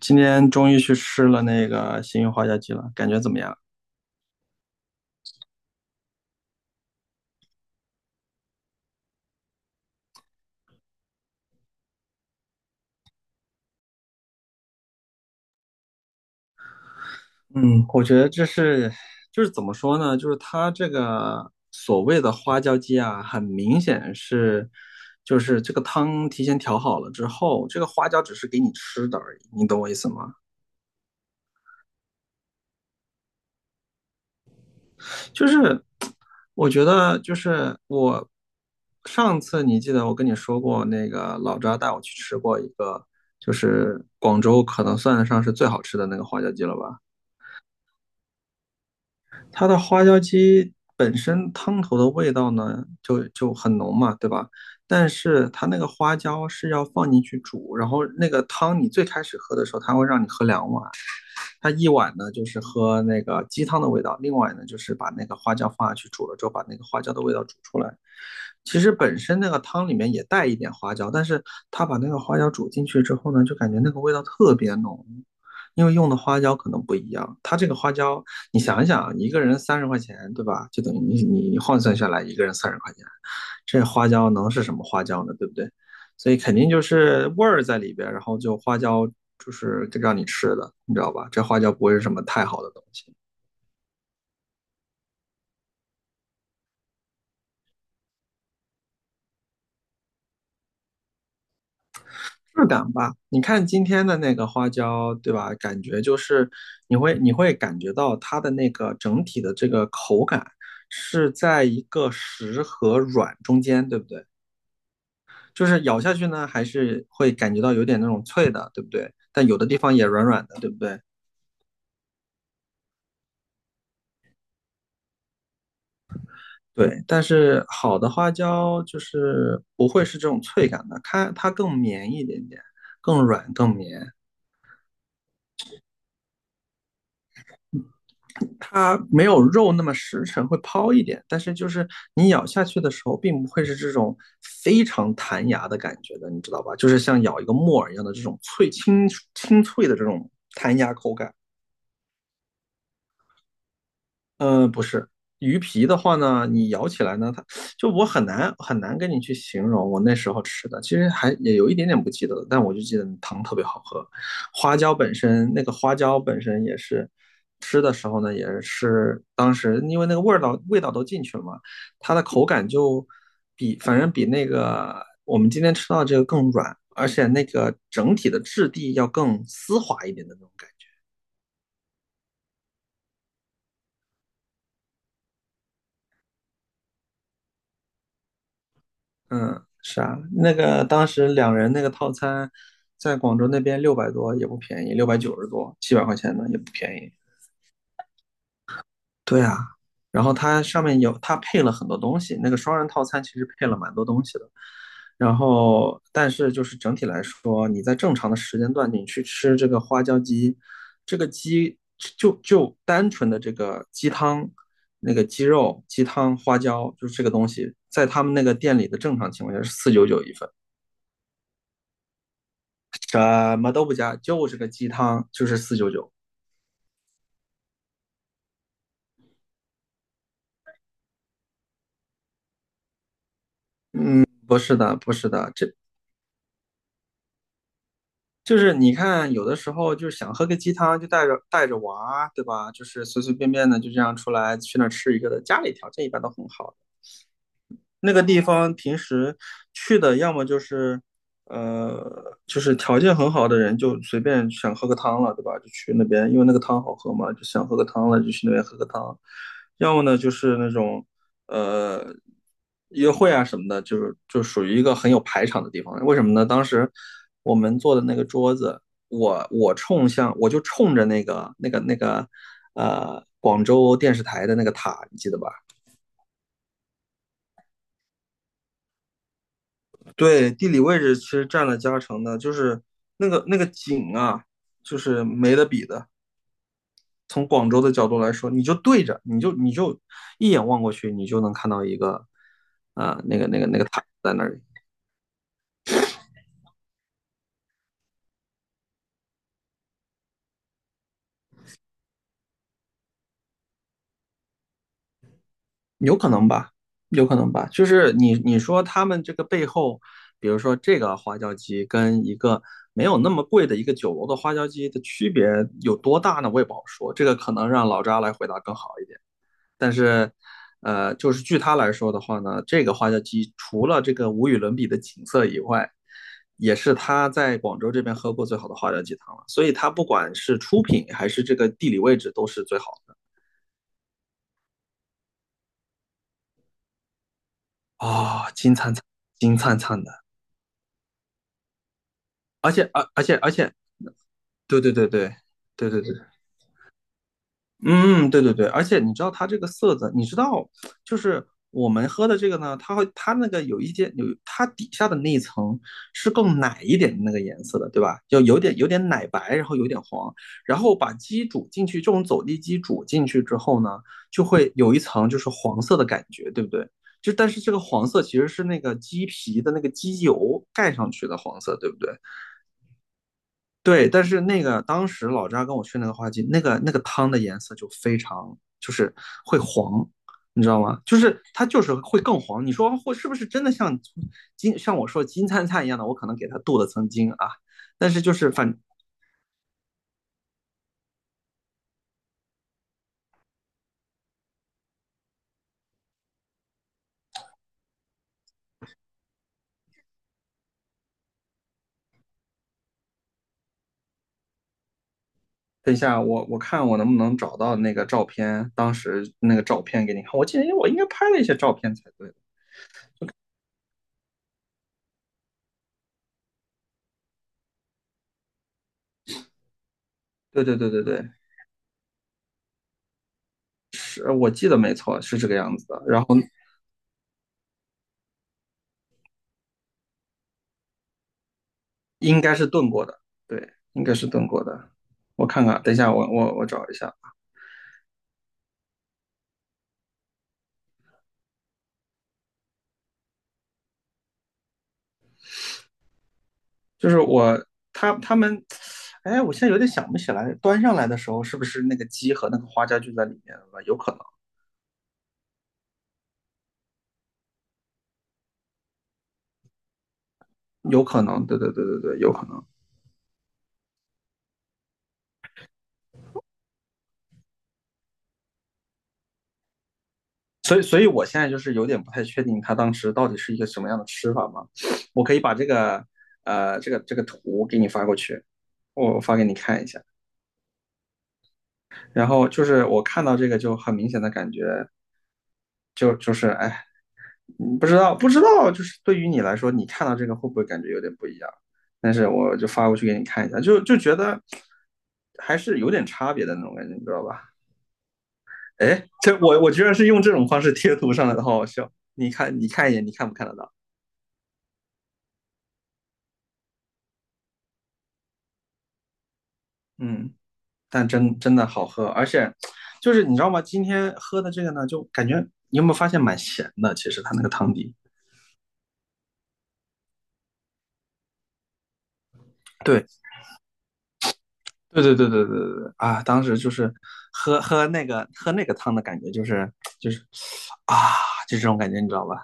今天终于去吃了那个新运花椒鸡了，感觉怎么样？嗯，我觉得就是怎么说呢？就是它这个所谓的花椒鸡啊，很明显就是这个汤提前调好了之后，这个花椒只是给你吃的而已，你懂我意思吗？就是我上次你记得我跟你说过，那个老张带我去吃过一个，就是广州可能算得上是最好吃的那个花椒鸡了吧？它的花椒鸡本身汤头的味道呢，就很浓嘛，对吧？但是它那个花椒是要放进去煮，然后那个汤你最开始喝的时候，它会让你喝2碗，它一碗呢就是喝那个鸡汤的味道，另外呢就是把那个花椒放下去煮了之后，把那个花椒的味道煮出来。其实本身那个汤里面也带一点花椒，但是他把那个花椒煮进去之后呢，就感觉那个味道特别浓，因为用的花椒可能不一样。它这个花椒，你想一想啊，一个人三十块钱，对吧？就等于你换算下来，一个人三十块钱，这花椒能是什么花椒呢？对不对？所以肯定就是味儿在里边，然后就花椒就是让你吃的，你知道吧？这花椒不会是什么太好的东西，质感吧？你看今天的那个花椒，对吧？感觉就是你会感觉到它的那个整体的这个口感是在一个实和软中间，对不对？就是咬下去呢，还是会感觉到有点那种脆的，对不对？但有的地方也软软的，对不对？对，但是好的花椒就是不会是这种脆感的，它更绵一点点，更软更绵，它没有肉那么实诚，会抛一点，但是就是你咬下去的时候，并不会是这种非常弹牙的感觉的，你知道吧？就是像咬一个木耳一样的这种清脆的这种弹牙口感。不是鱼皮的话呢，你咬起来呢，我很难跟你去形容我那时候吃的，其实还也有一点点不记得了，但我就记得汤特别好喝。花椒本身，那个花椒本身也是吃的时候呢，也是当时因为那个味道都进去了嘛，它的口感反正比那个我们今天吃到的这个更软，而且那个整体的质地要更丝滑一点的那种感觉。嗯，是啊，那个当时2人那个套餐，在广州那边600多也不便宜，690多，700块呢也不便宜。对啊，然后它上面它配了很多东西，那个双人套餐其实配了蛮多东西的。然后，但是就是整体来说，你在正常的时间段你去吃这个花椒鸡，这个鸡就单纯的这个鸡汤、那个鸡肉、鸡汤、花椒，就是这个东西，在他们那个店里的正常情况下是四九九一份。什么都不加，就是个鸡汤，就是四九九。不是的，不是的，就是你看，有的时候就是想喝个鸡汤，就带着娃，对吧？就是随随便便的就这样出来去那儿吃一个的，家里条件一般都很好，那个地方平时去的，要么就是就是条件很好的人就随便想喝个汤了，对吧？就去那边，因为那个汤好喝嘛，就想喝个汤了，就去那边喝个汤。要么呢，就是那种呃约会啊什么的，就是就属于一个很有排场的地方。为什么呢？当时我们坐的那个桌子，我就冲着那个广州电视台的那个塔，你记得吧？对，地理位置其实占了加成的，就是那个景啊，就是没得比的。从广州的角度来说，你就对着，你就一眼望过去，你就能看到一个，那个塔在那里，有可能吧，有可能吧。就是你说他们这个背后，比如说这个花椒鸡跟一个没有那么贵的一个酒楼的花椒鸡的区别有多大呢？我也不好说，这个可能让老扎来回答更好一点。但是，就是据他来说的话呢，这个花椒鸡除了这个无与伦比的景色以外，也是他在广州这边喝过最好的花椒鸡汤了。所以，他不管是出品还是这个地理位置，都是最好的。啊、金灿灿，金灿灿的。而且，而且，对对对对对对对对。嗯，对对对，而且你知道它这个色泽，你知道，就是我们喝的这个呢，它会它那个有一些有它底下的那一层是更奶一点的那个颜色的，对吧？就有点奶白，然后有点黄，然后把鸡煮进去，这种走地鸡煮进去之后呢，就会有一层就是黄色的感觉，对不对？但是这个黄色其实是那个鸡皮的那个鸡油盖上去的黄色，对不对？对，但是那个当时老张跟我去那个花鸡，那个汤的颜色就非常就是会黄，你知道吗？就是它就是会更黄。你说会是不是真的像像我说金灿灿一样的？我可能给它镀了层金啊，但是就是等一下我看我能不能找到那个照片，当时那个照片给你看。我记得我应该拍了一些照片才对。对对对对对，是我记得没错，是这个样子的。然后应该是炖过的，对，应该是炖过的。我看看，等一下，我找一下，就是他们，哎，我现在有点想不起来，端上来的时候是不是那个鸡和那个花椒就在里面了吧，有可能，有可能，对对对对对，有可能。所以我现在就是有点不太确定他当时到底是一个什么样的吃法嘛。我可以把这个这个图给你发过去，我发给你看一下。然后就是我看到这个就很明显的感觉，就是哎，不知道，不知道，就是对于你来说，你看到这个会不会感觉有点不一样？但是我就发过去给你看一下，就觉得还是有点差别的那种感觉，你知道吧？哎，我居然是用这种方式贴图上来的，好好笑。你看，你看一眼，你看不看得到？嗯，但真真的好喝，而且就是你知道吗？今天喝的这个呢，就感觉你有没有发现蛮咸的？其实它那个汤底，对，对对对对对对对啊！当时就是喝那个汤的感觉，就是啊，就这种感觉，你知道吧？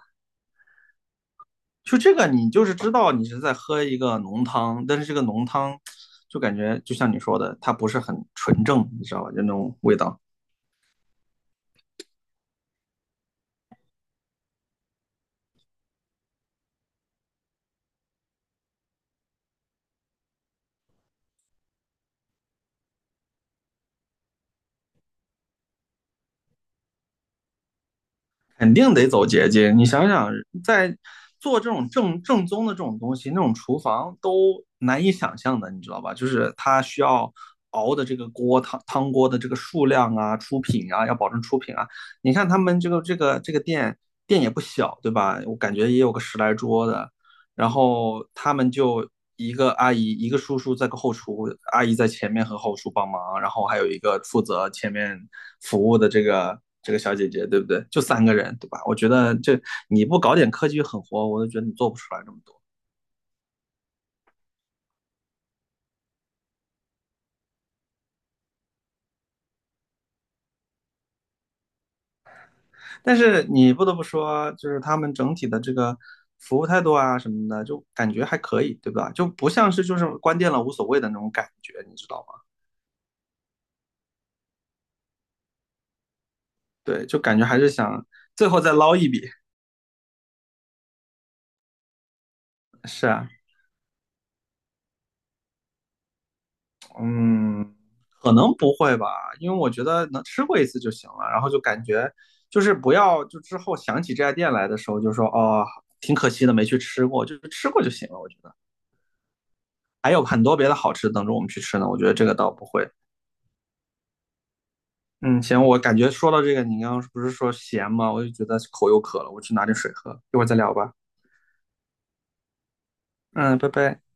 就这个，你就是知道你是在喝一个浓汤，但是这个浓汤就感觉就像你说的，它不是很纯正，你知道吧？就那种味道。肯定得走捷径。你想想，在做这种正宗的这种东西，那种厨房都难以想象的，你知道吧？就是它需要熬的这个锅汤锅的这个数量啊、出品啊，要保证出品啊。你看他们这个店也不小，对吧？我感觉也有个10来桌的，然后他们就一个阿姨，一个叔叔在个后厨，阿姨在前面和后厨帮忙，然后还有一个负责前面服务的这个小姐姐，对不对？就三个人，对吧？我觉得你不搞点科技与狠活，我都觉得你做不出来这么多。但是你不得不说，就是他们整体的这个服务态度啊什么的，就感觉还可以，对吧？就不像是就是关店了无所谓的那种感觉，你知道吗？对，就感觉还是想最后再捞一笔。是啊，嗯，可能不会吧，因为我觉得能吃过一次就行了，然后就感觉就是不要就之后想起这家店来的时候就说哦，挺可惜的没去吃过，就是吃过就行了。我觉得还有很多别的好吃等着我们去吃呢，我觉得这个倒不会。嗯，行，我感觉说到这个，你刚刚不是说咸吗？我就觉得口又渴了，我去拿点水喝，一会儿再聊吧。嗯，拜拜。